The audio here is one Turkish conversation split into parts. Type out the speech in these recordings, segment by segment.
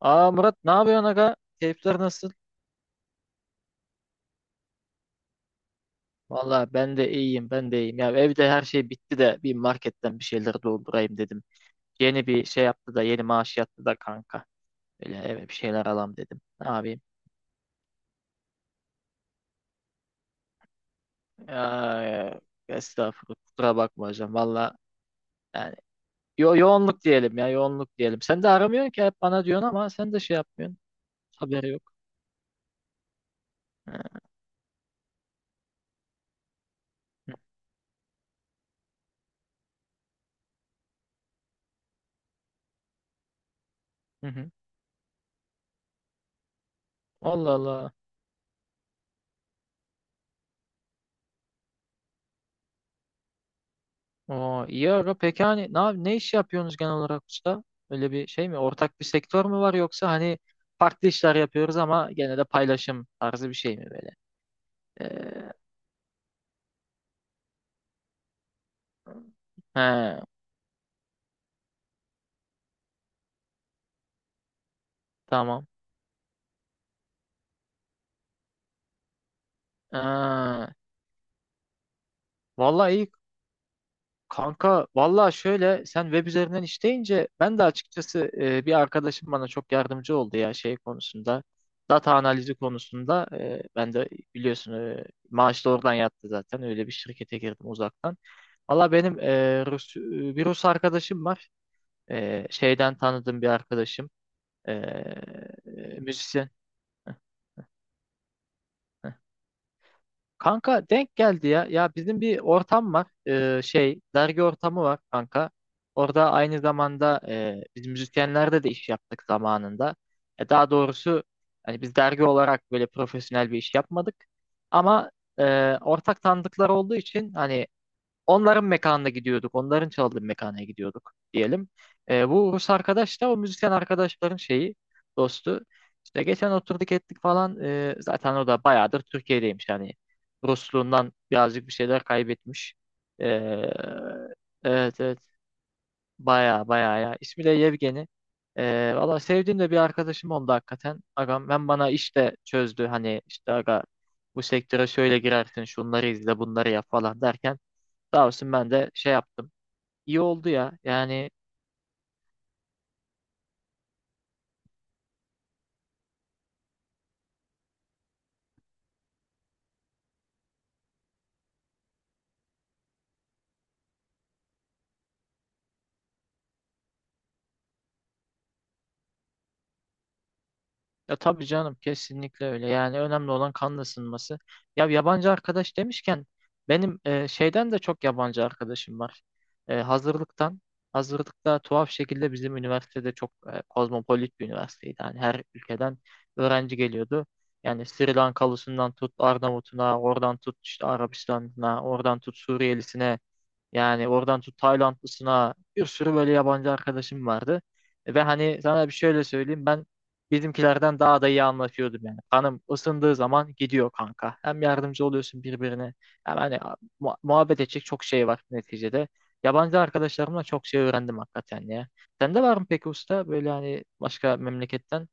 Aa Murat ne yapıyorsun aga? Keyifler nasıl? Valla ben de iyiyim ben de iyiyim. Ya evde her şey bitti de bir marketten bir şeyler doldurayım dedim. Yeni bir şey yaptı da yeni maaş yattı da kanka. Böyle eve bir şeyler alam dedim. Ne yapayım? Aa, Estağfurullah kusura bakma hocam. Valla yani yoğunluk diyelim ya yoğunluk diyelim. Sen de aramıyorsun ki hep bana diyorsun ama sen de şey yapmıyorsun. Haberi yok. Ha. Hı hı. Allah Allah. Oo, iyi aga. Peki hani ne iş yapıyorsunuz genel olarak usta? Öyle bir şey mi? Ortak bir sektör mü var, yoksa hani farklı işler yapıyoruz ama gene de paylaşım tarzı bir şey mi böyle? Ee, he, tamam. Aa, vallahi iyi kanka. Vallahi şöyle, sen web üzerinden işleyince ben de açıkçası bir arkadaşım bana çok yardımcı oldu ya şey konusunda. Data analizi konusunda ben de biliyorsun maaş da oradan yattı zaten. Öyle bir şirkete girdim uzaktan. Valla benim bir Rus arkadaşım var. Şeyden tanıdığım bir arkadaşım. Müzisyen. Heh, heh. Kanka denk geldi ya. Ya bizim bir ortam var. Şey, dergi ortamı var kanka. Orada aynı zamanda biz müzisyenlerde de iş yaptık zamanında. Daha doğrusu hani biz dergi olarak böyle profesyonel bir iş yapmadık. Ama ortak tanıdıklar olduğu için hani onların mekanına gidiyorduk. Onların çaldığı mekana gidiyorduk diyelim. Bu Rus arkadaş da o müzisyen arkadaşların şeyi, dostu. İşte geçen oturduk ettik falan. Zaten o da bayağıdır Türkiye'deymiş. Yani Rusluğundan birazcık bir şeyler kaybetmiş. E, evet evet. Bayağı bayağı ya. İsmi de Yevgeni. Valla sevdiğim de bir arkadaşım oldu hakikaten. Agam ben, bana işte çözdü. Hani işte aga bu sektöre şöyle girersin, şunları izle bunları yap falan derken sağ olsun ben de şey yaptım. İyi oldu ya. Yani ya tabii canım, kesinlikle öyle. Yani önemli olan kan ısınması. Ya yabancı arkadaş demişken benim şeyden de çok yabancı arkadaşım var. Hazırlıktan. Hazırlıkta tuhaf şekilde bizim üniversitede çok kozmopolit bir üniversiteydi. Yani her ülkeden öğrenci geliyordu. Yani Sri Lankalısından tut Arnavutuna, oradan tut işte Arabistan'ına, oradan tut Suriyelisine. Yani oradan tut Taylandlısına bir sürü böyle yabancı arkadaşım vardı. Ve hani sana bir şöyle söyleyeyim, ben bizimkilerden daha da iyi anlaşıyordum yani. Kanım ısındığı zaman gidiyor kanka. Hem yardımcı oluyorsun birbirine, hem hani muhabbet edecek çok şey var neticede. Yabancı arkadaşlarımla çok şey öğrendim hakikaten ya. Sende var mı peki usta, böyle hani başka memleketten?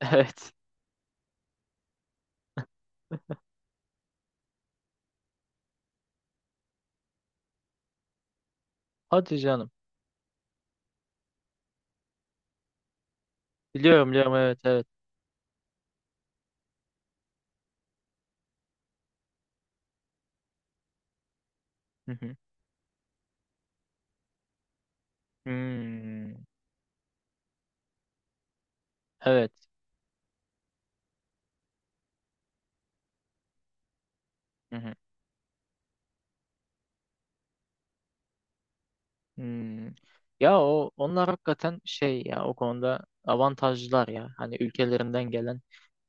Evet. Hadi canım. Biliyorum biliyorum, evet evet. Hı hı. Hmm. Evet. Hı hı. Hmm. Ya o onlar hakikaten şey ya, o konuda avantajlılar ya. Hani ülkelerinden gelen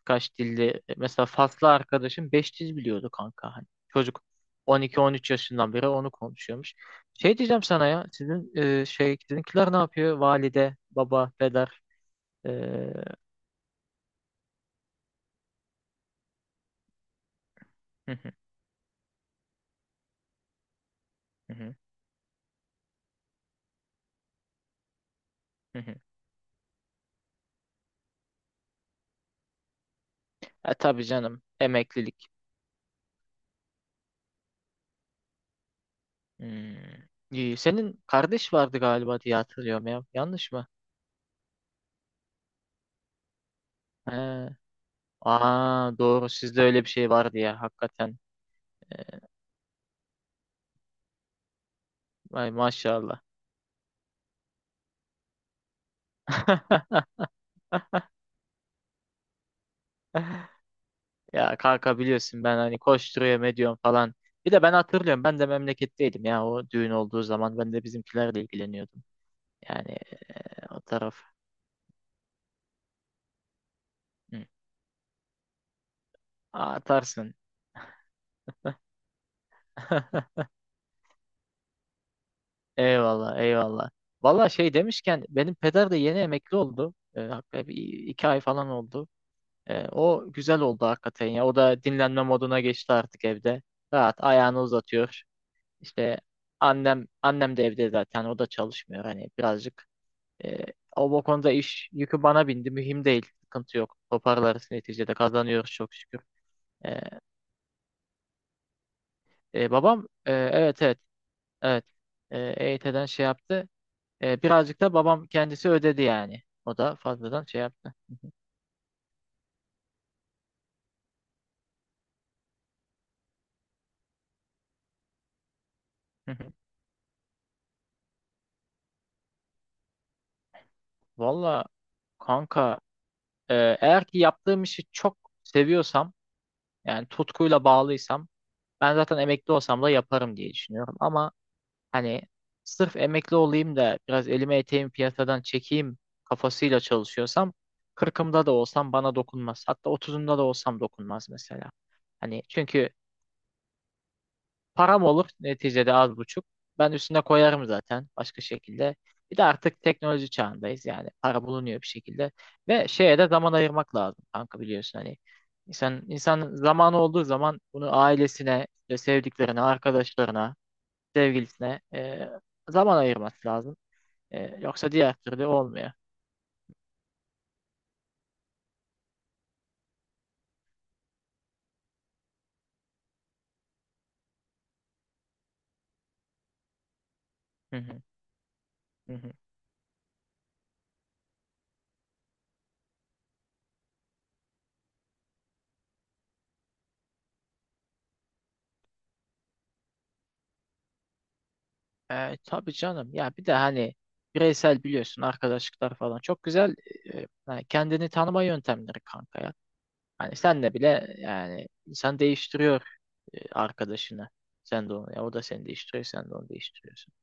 kaç dilli, mesela Faslı arkadaşım 5 dil biliyordu kanka hani. Çocuk 12-13 yaşından beri onu konuşuyormuş. Şey diyeceğim sana ya, sizin şey, sizinkiler ne yapıyor? Valide, baba, peder. E, hı hı, hı hı, hı hı. E tabii canım, emeklilik. Hmm. İyi, senin kardeş vardı galiba diye hatırlıyorum ya. Yanlış mı? He. Aa doğru, sizde öyle bir şey vardı ya hakikaten. Vay maşallah. Ya kanka biliyorsun, ben hani koşturuyorum ediyorum falan. Bir de ben hatırlıyorum, ben de memleketteydim ya o düğün olduğu zaman, ben de bizimkilerle ilgileniyordum. Yani o taraf. Hı. Atarsın. Eyvallah eyvallah. Valla şey demişken, benim peder de yeni emekli oldu. Hakikaten bir iki ay falan oldu. O güzel oldu hakikaten ya. O da dinlenme moduna geçti artık evde. Rahat ayağını uzatıyor. İşte annem de evde zaten, o da çalışmıyor. Hani birazcık e, o bu konuda iş yükü bana bindi. Mühim değil. Sıkıntı yok. Toparlarız neticede, kazanıyoruz çok şükür. E, babam evet, evet e, EYT'den şey yaptı. Birazcık da babam kendisi ödedi yani. O da fazladan şey yaptı. Hı hı. Valla kanka, e, eğer ki yaptığım işi çok seviyorsam, yani tutkuyla bağlıysam, ben zaten emekli olsam da yaparım diye düşünüyorum. Ama hani sırf emekli olayım da biraz elime eteğimi piyasadan çekeyim kafasıyla çalışıyorsam, kırkımda da olsam bana dokunmaz. Hatta otuzumda da olsam dokunmaz mesela. Hani çünkü param olur neticede az buçuk. Ben üstüne koyarım zaten başka şekilde. Bir de artık teknoloji çağındayız, yani para bulunuyor bir şekilde. Ve şeye de zaman ayırmak lazım kanka, biliyorsun hani. İnsan zamanı olduğu zaman bunu ailesine, işte sevdiklerine, arkadaşlarına, sevgilisine zaman ayırması lazım. Yoksa diğer türlü olmuyor. Hı hı, hı hı. E tabii canım. Ya bir de hani bireysel, biliyorsun, arkadaşlıklar falan çok güzel hani kendini tanıma yöntemleri kanka ya. Hani senle bile yani insan değiştiriyor arkadaşını. Sen de onu, ya o da seni değiştiriyor, sen de onu değiştiriyorsun.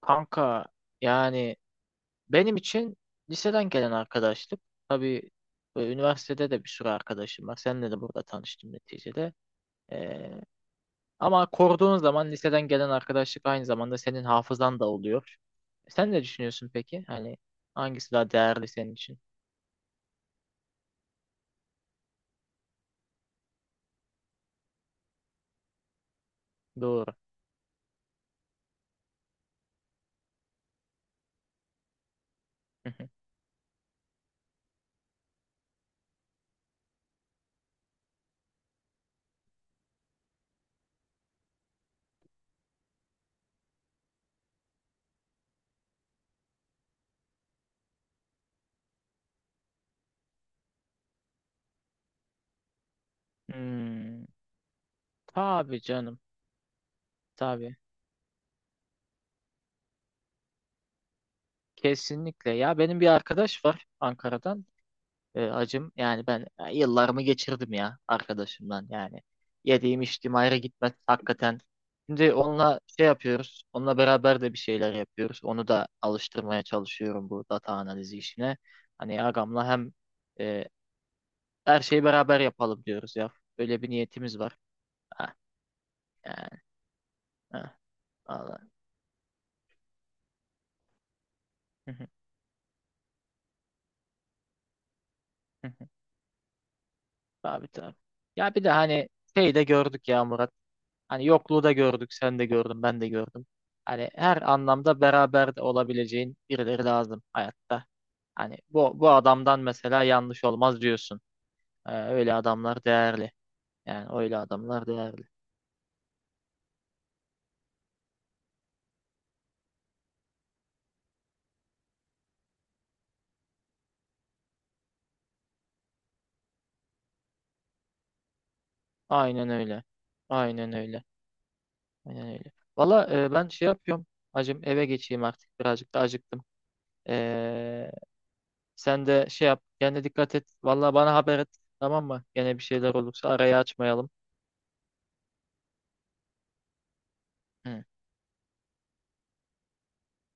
Kanka yani benim için liseden gelen arkadaşlık tabii, üniversitede de bir sürü arkadaşım var. Seninle de burada tanıştım neticede. Ee, ama koruduğun zaman liseden gelen arkadaşlık aynı zamanda senin hafızan da oluyor. Sen ne düşünüyorsun peki? Hani hangisi daha değerli senin için? Doğru. Hı hı. Hmm, tabii canım. Tabii. Kesinlikle. Ya benim bir arkadaş var Ankara'dan. Acım. Yani ben yıllarımı geçirdim ya arkadaşımdan yani. Yediğim içtiğim ayrı gitmez hakikaten. Şimdi onunla şey yapıyoruz. Onunla beraber de bir şeyler yapıyoruz. Onu da alıştırmaya çalışıyorum bu data analizi işine. Hani ağamla hem e, her şeyi beraber yapalım diyoruz ya. Böyle bir niyetimiz var. Ha, yani, ha, vallahi. Abi tabii. Ya bir de hani şey de gördük ya Murat. Hani yokluğu da gördük, sen de gördün, ben de gördüm. Hani her anlamda beraber de olabileceğin birileri lazım hayatta. Hani bu adamdan mesela yanlış olmaz diyorsun. Öyle adamlar değerli. Yani öyle adamlar değerli. Aynen öyle. Aynen öyle. Aynen öyle. Valla ben şey yapıyorum. Hacım eve geçeyim artık. Birazcık da acıktım. Ee, sen de şey yap. Kendine dikkat et. Valla bana haber et. Tamam mı? Gene bir şeyler olursa arayı açmayalım. Hı.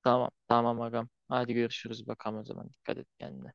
Tamam tamam agam. Hadi görüşürüz bakalım o zaman. Dikkat et kendine.